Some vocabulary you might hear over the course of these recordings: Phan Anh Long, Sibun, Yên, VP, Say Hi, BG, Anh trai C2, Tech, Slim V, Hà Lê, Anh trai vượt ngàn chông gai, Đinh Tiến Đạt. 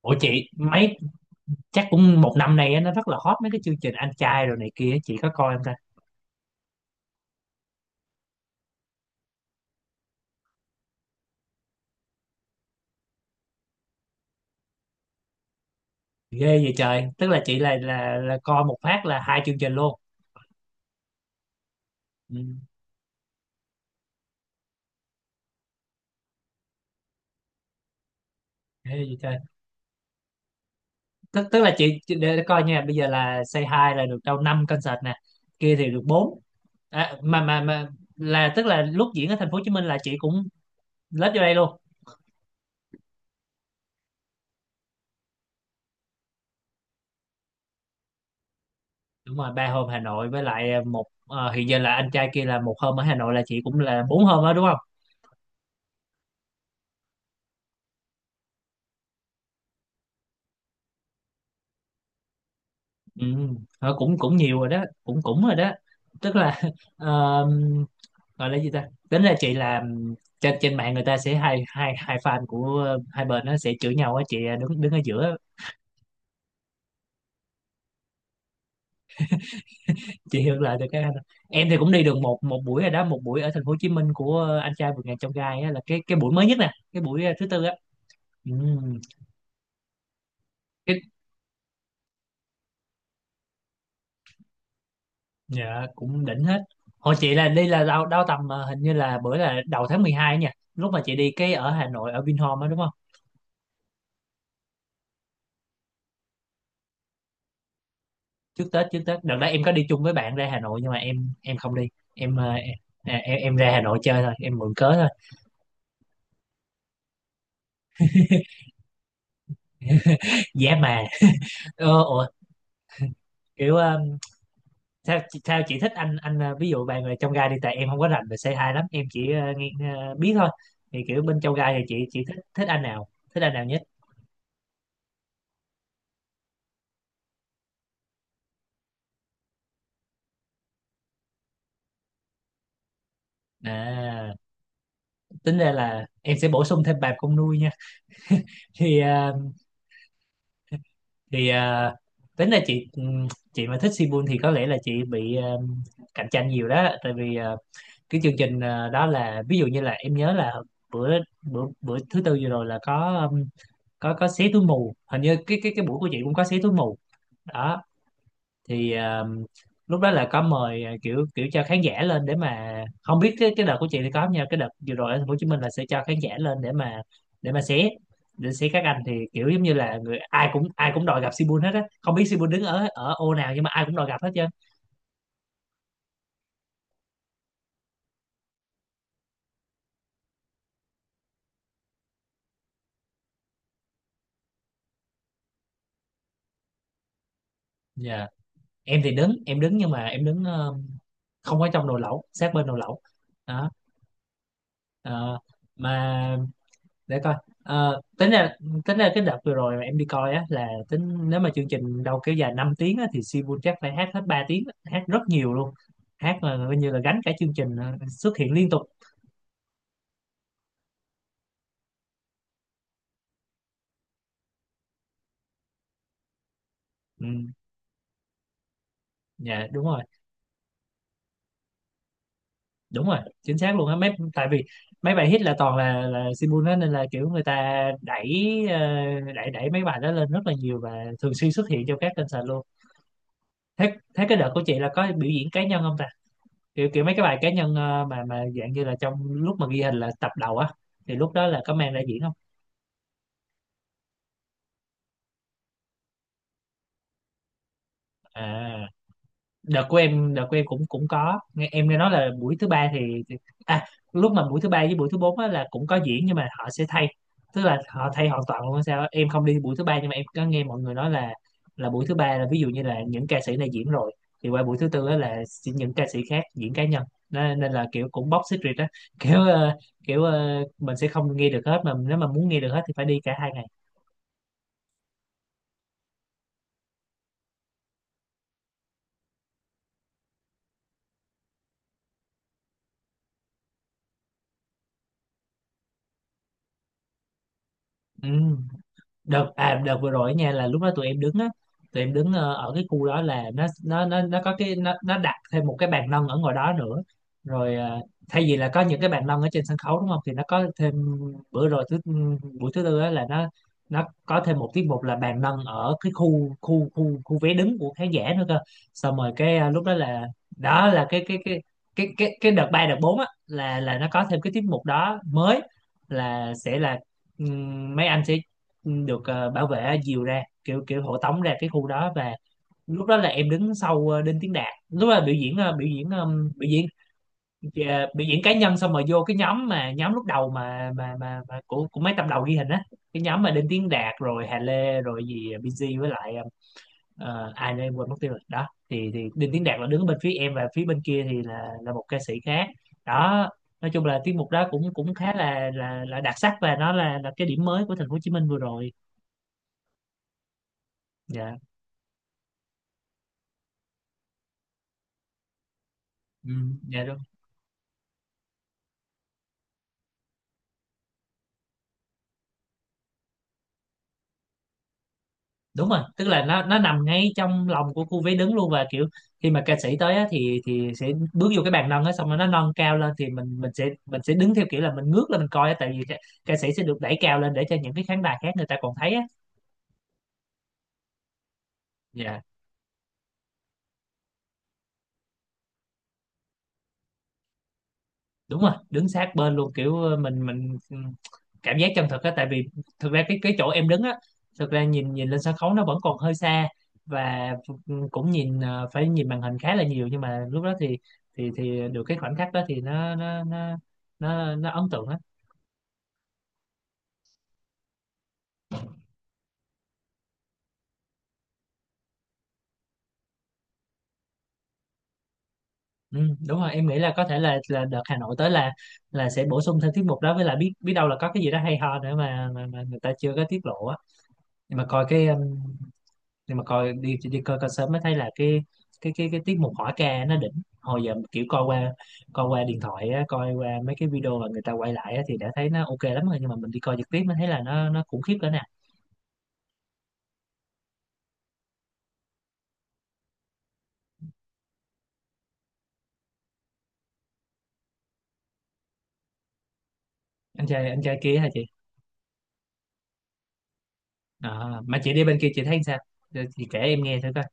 Ủa chị mấy chắc cũng một năm nay á, nó rất là hot mấy cái chương trình Anh trai rồi này kia, chị có coi không ta? Ghê vậy trời, tức là chị là coi một phát là hai chương trình luôn. Ừ, ghê vậy trời. Tức tức là để coi nha, bây giờ là Say Hi là được đâu 5 concert nè, kia thì được 4. À, mà là tức là lúc diễn ở thành phố Hồ Chí Minh là chị cũng lết vô đây luôn. Đúng rồi, 3 hôm Hà Nội với lại hiện giờ là anh trai kia là một hôm ở Hà Nội, là chị cũng là 4 hôm đó đúng. Ừ, cũng cũng nhiều rồi đó, cũng cũng rồi đó, tức là ờm, gọi là gì ta, tính ra chị làm trên trên mạng người ta sẽ hai hai hai fan của hai bên, nó sẽ chửi nhau á chị, đứng đứng ở giữa. Chị hiểu là được cái, em thì cũng đi được một một buổi rồi đó, một buổi ở thành phố Hồ Chí Minh của anh trai vượt ngàn chông gai á, là cái buổi mới nhất nè, cái buổi thứ tư á. Ừ, cái dạ, cũng đỉnh hết. Hồi chị là đi là đâu đâu tầm hình như là bữa là đầu tháng 12 nha, lúc mà chị đi cái ở Hà Nội ở Vinhome á đúng không? Trước Tết đợt đó em có đi chung với bạn ra Hà Nội, nhưng mà em không đi. em ờ, em ra Hà Nội chơi thôi, em mượn cớ thôi. Giá mà ủa, kiểu sao chị thích anh ví dụ bạn là trong gai đi, tại em không có rành về C2 lắm, em chỉ nghe, biết thôi. Thì kiểu bên trong gai thì chị thích thích anh nào, thích anh nào nhất? À, tính ra là em sẽ bổ sung thêm bà con nuôi nha. thì ờ, thì ờ, tính ra chị mà thích Sibun thì có lẽ là chị bị cạnh tranh nhiều đó, tại vì cái chương trình đó là ví dụ như là em nhớ là bữa bữa bữa thứ tư vừa rồi là có xé túi mù, hình như cái buổi của chị cũng có xé túi mù đó. Thì lúc đó là có mời kiểu kiểu cho khán giả lên để mà, không biết cái đợt của chị thì có không nha, cái đợt vừa rồi ở thành phố Hồ Chí Minh là sẽ cho khán giả lên để mà xé để xé các anh, thì kiểu giống như là người ai cũng đòi gặp Sibun hết á, không biết Sibun đứng ở ở ô nào, nhưng mà ai cũng đòi gặp hết trơn. Dạ. Em thì đứng, em đứng nhưng mà em đứng ờ, không ở trong nồi lẩu, sát bên nồi lẩu đó, ờ, mà để coi. Ờ, tính ra cái đợt vừa rồi mà em đi coi á, là tính nếu mà chương trình đâu kéo dài 5 tiếng á, thì Sibun chắc phải hát hết 3 tiếng, hát rất nhiều luôn, hát là coi như là gánh cả chương trình, xuất hiện liên tục. Ừ, dạ đúng rồi, đúng rồi chính xác luôn á, mấy tại vì mấy bài hit là toàn là Sibun á, nên là kiểu người ta đẩy, ờ, đẩy đẩy mấy bài đó lên rất là nhiều và thường xuyên xuất hiện trong các kênh sàn luôn. Thế thế cái đợt của chị là có biểu diễn cá nhân không ta? Kiểu kiểu mấy cái bài cá nhân mà dạng như là trong lúc mà ghi hình là tập đầu á, thì lúc đó là có mang ra diễn không? À, đợt của em cũng cũng có nghe, em nghe nói là buổi thứ ba thì- à, lúc mà buổi thứ ba với buổi thứ bốn á là cũng có diễn, nhưng mà họ sẽ thay, tức là họ thay hoàn toàn luôn hay sao á. Em không đi buổi thứ ba, nhưng mà em có nghe mọi người nói là buổi thứ ba là ví dụ như là những ca sĩ này diễn rồi, thì qua buổi thứ tư á là sẽ những ca sĩ khác diễn cá nhân. Nên là kiểu cũng box secret á kiểu ờ, kiểu mình sẽ không nghe được hết, mà nếu mà muốn nghe được hết thì phải đi cả 2 ngày. Ừ, đợt vừa rồi nha, là lúc đó tụi em đứng á, tụi em đứng ở cái khu đó là nó có cái, nó đặt thêm một cái bàn nâng ở ngoài đó nữa, rồi thay vì là có những cái bàn nâng ở trên sân khấu đúng không, thì nó có thêm bữa rồi buổi thứ tư á là nó có thêm một tiết mục là bàn nâng ở cái khu khu khu khu vé đứng của khán giả nữa cơ, xong rồi lúc đó là cái đợt ba đợt bốn á là nó có thêm cái tiết mục đó mới, là sẽ là mấy anh sẽ được bảo vệ dìu ra, kiểu kiểu hộ tống ra cái khu đó. Và lúc đó là em đứng sau Đinh Tiến Đạt, lúc đó là biểu diễn ờ, biểu diễn ờ, biểu diễn cá nhân, xong rồi vô cái nhóm mà lúc đầu mà của mấy tập đầu ghi hình á, cái nhóm mà Đinh Tiến Đạt rồi Hà Lê rồi gì BG với lại ai nữa em quên mất tiêu rồi đó. Thì Đinh Tiến Đạt là đứng bên phía em và phía bên kia thì là một ca sĩ khác đó. Nói chung là tiết mục đó cũng cũng khá là đặc sắc, và nó là cái điểm mới của thành phố Hồ Chí Minh vừa rồi. Dạ. Ừ, dạ đúng đúng rồi, tức là nó nằm ngay trong lòng của khu vé đứng luôn, và kiểu khi mà ca sĩ tới á, thì sẽ bước vô cái bàn nâng á, xong rồi nó nâng cao lên, thì mình sẽ đứng theo kiểu là mình ngước lên mình coi á, tại vì ca sĩ sẽ được đẩy cao lên để cho những cái khán đài khác người ta còn thấy á. Dạ đúng rồi, đứng sát bên luôn, kiểu cảm giác chân thực á, tại vì thực ra cái chỗ em đứng á, thực ra nhìn nhìn lên sân khấu nó vẫn còn hơi xa, và cũng nhìn, phải nhìn màn hình khá là nhiều, nhưng mà lúc đó thì được cái khoảnh khắc đó thì nó ấn tượng á. Ừ, đúng rồi, em nghĩ là có thể là đợt Hà Nội tới là sẽ bổ sung thêm tiết mục đó, với lại biết biết đâu là có cái gì đó hay ho nữa mà người ta chưa có tiết lộ á. nhưng mà coi cái um, nhưng mà coi đi đi coi coi sớm mới thấy là cái tiết mục hỏi ca nó đỉnh. Hồi giờ kiểu coi qua điện thoại á, coi qua mấy cái video mà người ta quay lại á, thì đã thấy nó ok lắm rồi, nhưng mà mình đi coi trực tiếp mới thấy là nó khủng khiếp cỡ nào. Anh trai kia hả chị? À, mà chị đi bên kia chị thấy sao? Giờ chị kể em nghe thử coi.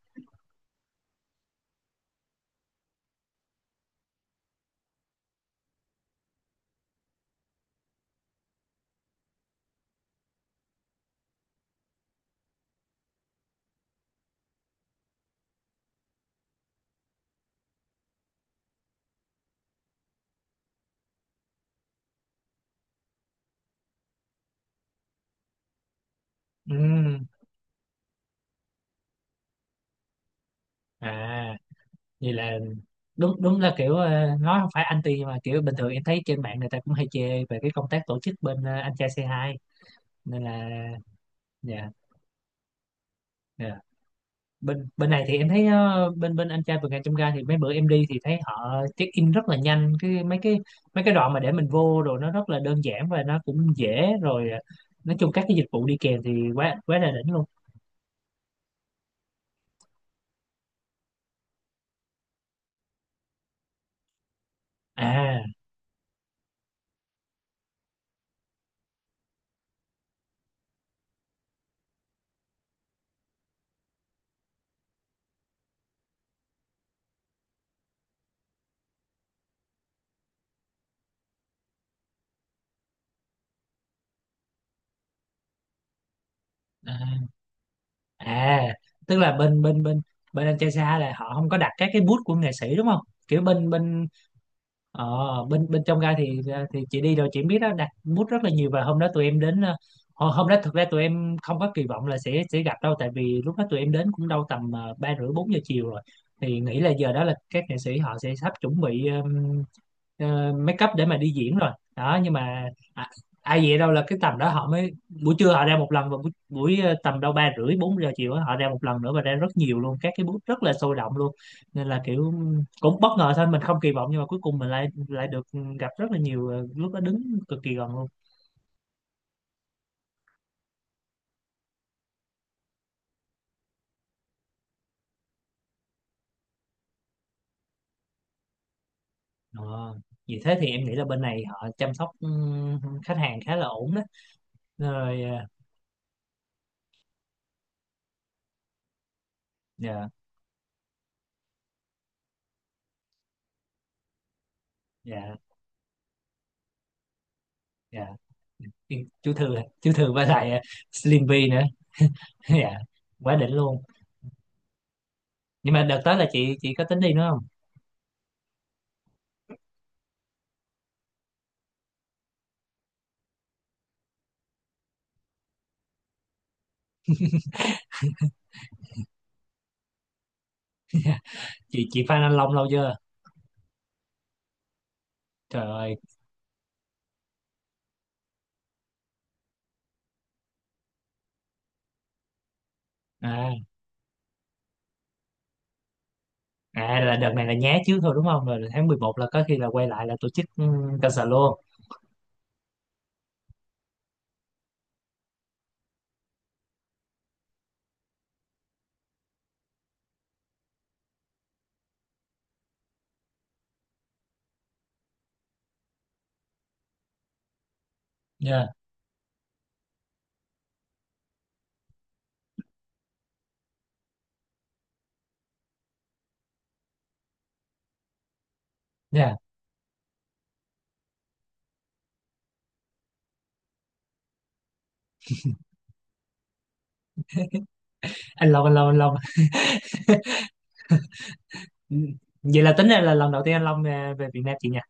Ừm, à Vậy là đúng đúng là kiểu nói không phải anti, nhưng mà kiểu bình thường em thấy trên mạng người ta cũng hay chê về cái công tác tổ chức bên anh trai C2, nên là. Dạ. Dạ. bên bên này thì em thấy, bên bên anh trai vượt ngàn chông gai thì mấy bữa em đi thì thấy họ check in rất là nhanh, cái mấy cái đoạn mà để mình vô, rồi nó rất là đơn giản và nó cũng dễ, rồi nói chung các cái dịch vụ đi kèm thì quá quá là đỉnh luôn. À, à, à tức là bên bên bên bên anh trai xa là họ không có đặt các cái booth của nghệ sĩ đúng không, kiểu bên bên. Ờ, bên bên trong gai thì chị đi rồi chị biết đó, đặt bút rất là nhiều, và hôm đó tụi em đến hôm hôm đó thực ra tụi em không có kỳ vọng là sẽ gặp đâu, tại vì lúc đó tụi em đến cũng đâu tầm 3 rưỡi 4 giờ chiều rồi, thì nghĩ là giờ đó là các nghệ sĩ họ sẽ sắp chuẩn bị make up để mà đi diễn rồi đó, nhưng mà à, ai vậy đâu là cái tầm đó họ mới, buổi trưa họ ra một lần, và buổi, buổi ờ, tầm đâu 3 rưỡi 4 giờ chiều á, họ ra một lần nữa và ra rất nhiều luôn, các cái bút rất là sôi động luôn, nên là kiểu cũng bất ngờ thôi, mình không kỳ vọng, nhưng mà cuối cùng mình lại lại được gặp rất là nhiều, lúc đó đứng cực kỳ gần luôn. Ờ, vì thế thì em nghĩ là bên này họ chăm sóc khách hàng khá là ổn đó, rồi dạ. Dạ. Dạ. Yên- chú Thư chú Thư với lại Slim V nữa. Dạ, quá đỉnh luôn. Nhưng mà đợt tới là chị có tính đi nữa không? Chị Phan Anh Long lâu chưa? Trời ơi. À à là đợt này là nhá trước thôi đúng không, rồi tháng 11 là có khi là quay lại là tổ chức concert luôn. Dạ. Dạ. Anh Long, anh Long, anh Long. Ừ. Vậy là tính ra là lần đầu tiên anh Long về Việt Nam chị nha.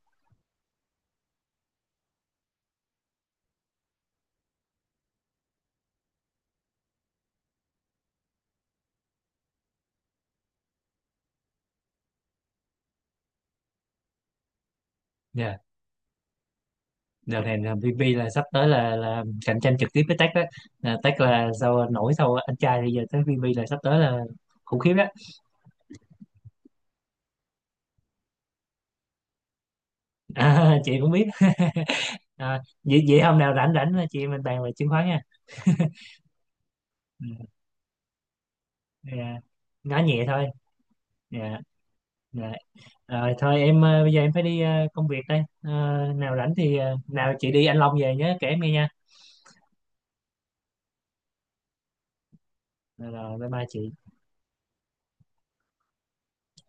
Dạ. Đợt này là VP là sắp tới là cạnh tranh trực tiếp với Tech đó. Là Tech là sau nổi sau anh trai thì giờ tới VP là sắp tới là khủng khiếp đó. À, chị cũng biết. À, vậy hôm nào rảnh rảnh là chị em mình bàn về chứng khoán nha. Ừ. Dạ. Nói nhẹ thôi. Dạ. Dạ. Rồi thôi em à, bây giờ em phải đi công việc đây. À, nào rảnh thì nào chị đi anh Long về nhớ kể em nghe nha. Rồi bye bye chị.